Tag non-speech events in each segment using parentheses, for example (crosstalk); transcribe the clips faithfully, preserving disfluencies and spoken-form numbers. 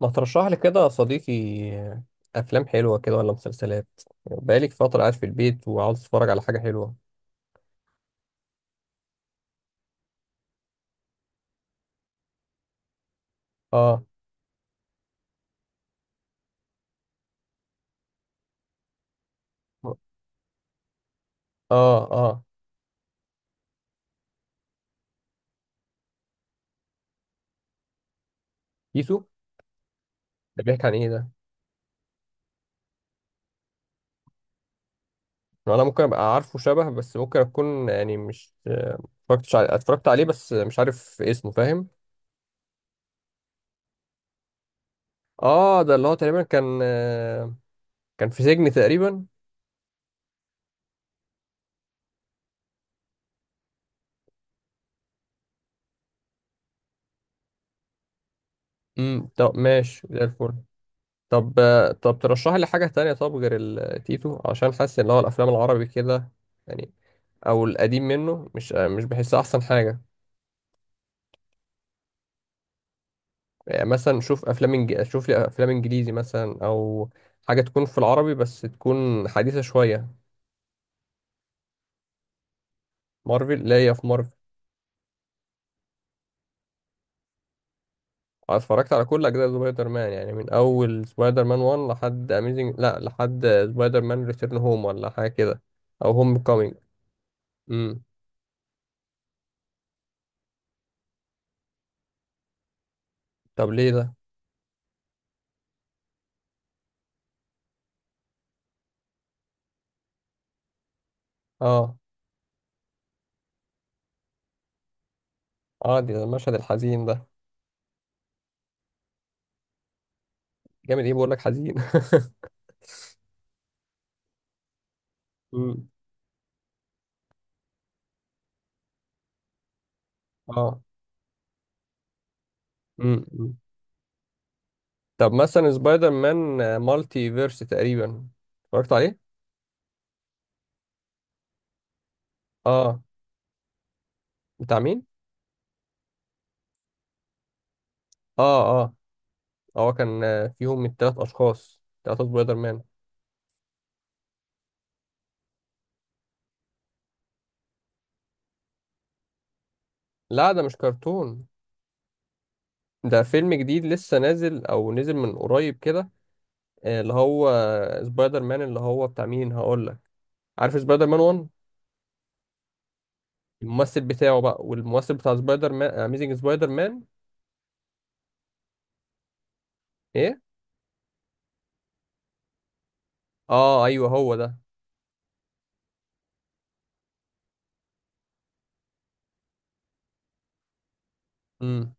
ما ترشح لي كده يا صديقي؟ افلام حلوه كده ولا مسلسلات؟ بقالي فتره قاعد في البيت وعاوز اتفرج على حاجه حلوه. اه اه اه. يسو. ده بيحكي عن ايه ده؟ انا ممكن ابقى عارفه شبه بس ممكن اكون يعني مش اتفرجتش عليه، اتفرجت عليه بس مش عارف اسمه، فاهم؟ اه، ده اللي هو تقريبا كان آه، كان في سجن تقريبا. امم طب ماشي زي الفل. طب آه، طب ترشح لي حاجه تانية، طب غير التيتو عشان حاسس ان هو الافلام العربي كده يعني، او القديم منه مش مش بحسها احسن حاجه. يعني مثلا شوف افلام انج... شوف لي افلام انجليزي مثلا، او حاجه تكون في العربي بس تكون حديثه شويه. مارفل؟ لا، هي في مارفل. أنا اتفرجت على كل اجزاء سبايدر مان، يعني من اول سبايدر مان ون لحد اميزنج، لا لحد سبايدر مان ريتيرن هوم ولا حاجه كده، او هوم كومينج. امم طب ليه ده؟ اه اه، دي ده المشهد الحزين ده. جامد ايه؟ بقول لك حزين. (laughs) امم اه. امم طب مثلا سبايدر مان آه، مالتي فيرس تقريبا اتفرجت عليه. اه، بتاع مين؟ اه اه، هو كان آه، فيهم من ثلاث اشخاص، ثلاثة سبايدر مان. لا، ده مش كرتون. ده فيلم جديد لسه نازل او نزل من قريب كده. آه، اللي هو آه، سبايدر مان اللي هو بتاع مين هقول لك. عارف سبايدر مان واحد، الممثل بتاعه بقى، والممثل بتاع سبايدر مان اميزنج سبايدر مان. ايه؟ اه ايوه، هو ده. امم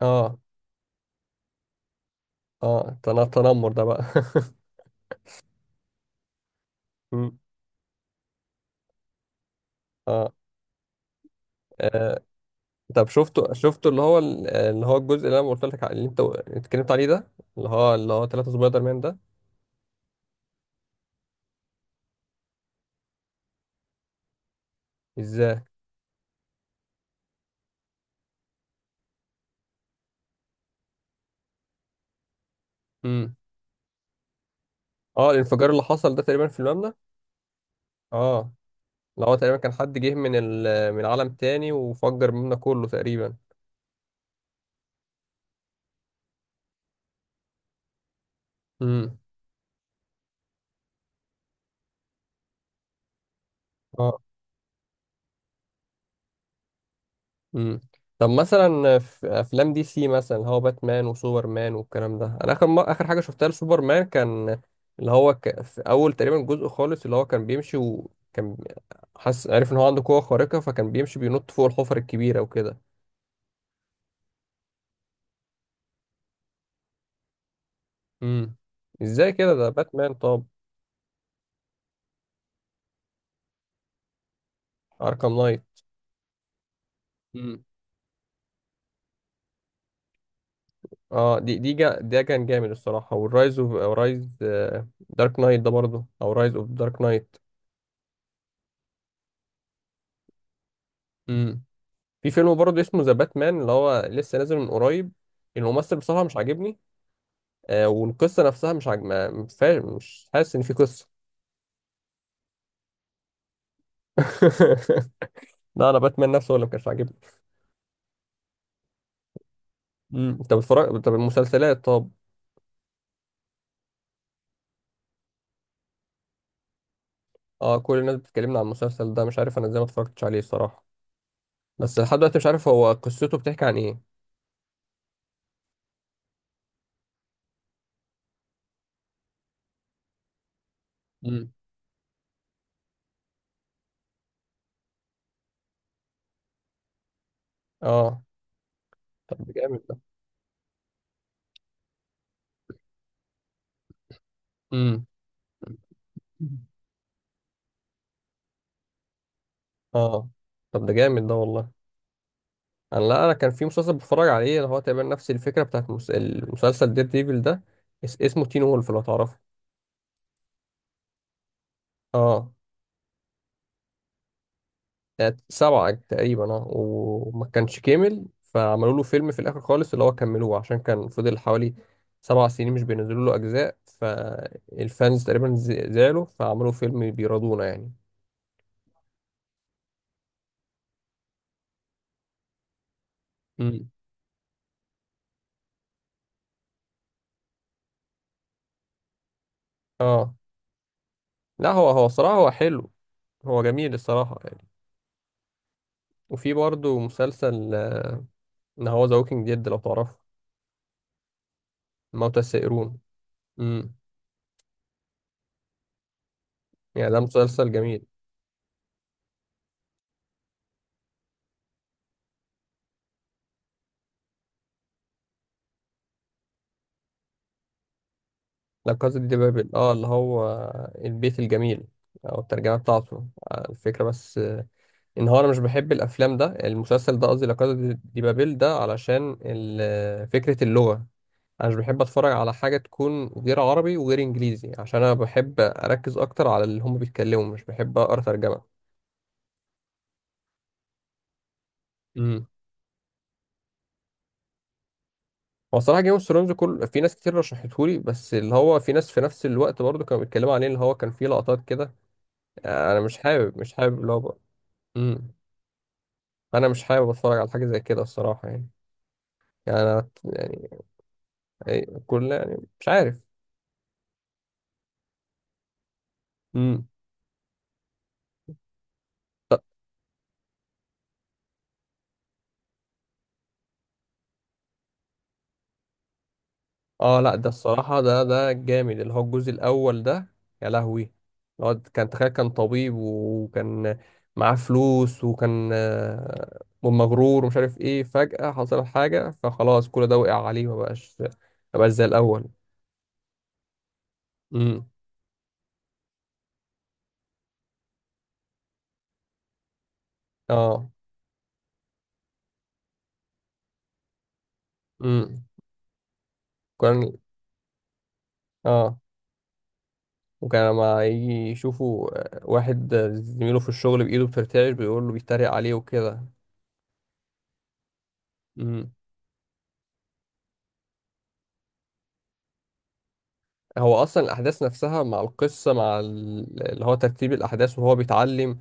اه، اه، تن- تنمر ده بقى. (laughs) مم. اه. آه. طب شفته؟ شفته اللي هو ال- اللي هو الجزء اللي انا قلت لك على- اللي انت اتكلمت عليه ده، اللي هو اللي هو ثلاثة سبايدر مان ده؟ ازاي؟ امم. اه، الانفجار اللي حصل ده تقريبا في المبنى. اه، اللي هو تقريبا كان حد جه من ال... من عالم تاني وفجر المبنى كله تقريبا. امم. مم. طب مثلا في افلام دي سي مثلا اللي هو باتمان وسوبرمان والكلام ده، انا اخر ما اخر حاجه شفتها لسوبرمان كان اللي هو ك... في اول تقريبا جزء خالص، اللي هو كان بيمشي وكان حس عارف ان هو عنده قوه خارقه، فكان بيمشي بينط فوق الحفر الكبيره وكده. امم ازاي كده ده؟ باتمان طب؟ اركام نايت. امم اه، دي دي جا... ده كان جامد الصراحه، والرايز اوف رايز دارك نايت ده برضه، او رايز اوف دارك نايت. في فيلم برضه اسمه ذا باتمان اللي هو لسه نازل من قريب. الممثل بصراحة مش عاجبني. آه والقصة نفسها مش عاجب ما- ما فيهاش- مش حاسس إن في قصة. (laughs) لا، أنا باتمان نفسه هو اللي ما كانش عاجبني. مم. أنت بتتفرج؟ طب المسلسلات طب؟ أه، كل الناس بتكلمنا عن المسلسل ده، مش عارف أنا إزاي ما اتفرجتش عليه الصراحة. بس لحد دلوقتي مش عارف هو قصته بتحكي عن إيه. مم. أه، طب ده جامد ده. مم. أه، طب ده جامد ده والله. انا لا انا كان في مسلسل بتفرج عليه اللي هو تقريبا نفس الفكره بتاعت المس- المسلسل دير ديفل ده، اس- اسمه تين وولف، لو تعرفه. اه. كانت سبعة تقريبا اه، وما كانش كامل فعملوا له فيلم في الاخر خالص اللي هو كملوه، عشان كان فضل حوالي سبع سنين مش بينزلوا له اجزاء، فالفانز تقريبا ز- زعلوا فعملوا فيلم بيرضونا يعني. مم. اه، لا هو هو صراحة هو حلو. هو جميل الصراحة يعني. وفي برضه مسلسل آه، ان هو ذا ووكينج ديد لو تعرفه، موتى السائرون. يعني ده مسلسل جميل. لا كازا دي بابل، اه، اللي هو البيت الجميل. او الترجمة بتاعته آه، الفكرة بس آه، ان هو انا مش بحب الافلام ده المسلسل ده، قصدي لا كازا دي دي بابل ده علشان ال- آه، فكرة اللغة. انا مش بحب اتفرج على حاجة تكون غير عربي وغير انجليزي، عشان انا بحب اركز اكتر على اللي هم بيتكلموا، مش بحب اقرا ترجمة. امم هو صراحة جيم اوف ثرونز كل في ناس كتير رشحتهولي، بس اللي هو في ناس في نفس الوقت برضه كانوا بيتكلموا عليه اللي هو كان فيه لقطات كده آه، انا مش حابب مش حابب. امم انا مش حابب اتفرج على حاجه زي كده الصراحه يعني، يعني أنا يعني أي- كل يعني مش عارف. امم اه، لا ده الصراحه ده ده جامد اللي هو الجزء الاول ده. يا لهوي. اللي هو كان تخيل كان طبيب، وكان معاه فلوس، وكان آه، مغرور ومش عارف ايه، فجأة حصل حاجة فخلاص كل ده وقع عليه، ما بقاش ما بقاش زي الأول. امم اه. امم كان. اه. وكان لما يجي يشوفوا آه، واحد آه، زميله في الشغل بإيده بترتعش، بيقول له بيتريق عليه وكده. امم هو أصلا الأحداث نفسها مع القصة مع ال- اللي هو ترتيب الأحداث وهو بيتعلم،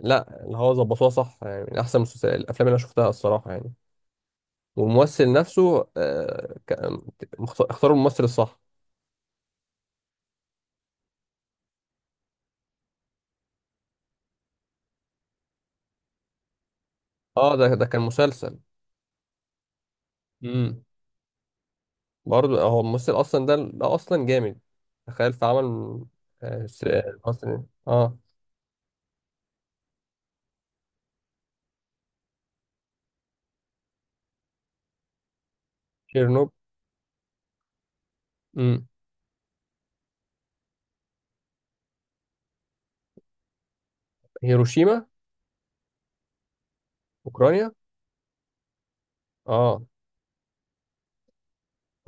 لا اللي هو ظبطوها صح، يعني من أحسن المسلسل- الأفلام اللي أنا شفتها الصراحة يعني. والممثل نفسه آه، ك- مخت- اختاروا الممثل الصح. اه، ده ده كان مسلسل. امم برضه هو الممثل أصلا ده ده أصلا جامد، تخيل في عمل آه، س- آه، أصلا اه. شيرنوب. هيروشيما. اوكرانيا. اه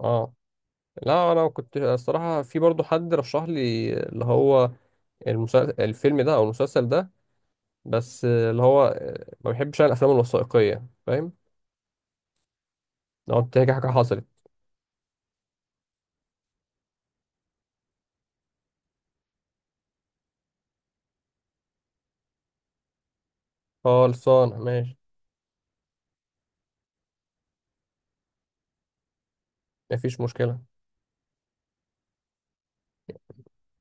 اه، لا انا كنت الصراحه في برضو حد رشح لي اللي هو المسلسل الفيلم ده او المسلسل ده، بس اللي هو ما بحبش انا الافلام الوثائقيه فاهم، لو بتحكي حاجه حصلت. خلصان ماشي. مفيش مشكله.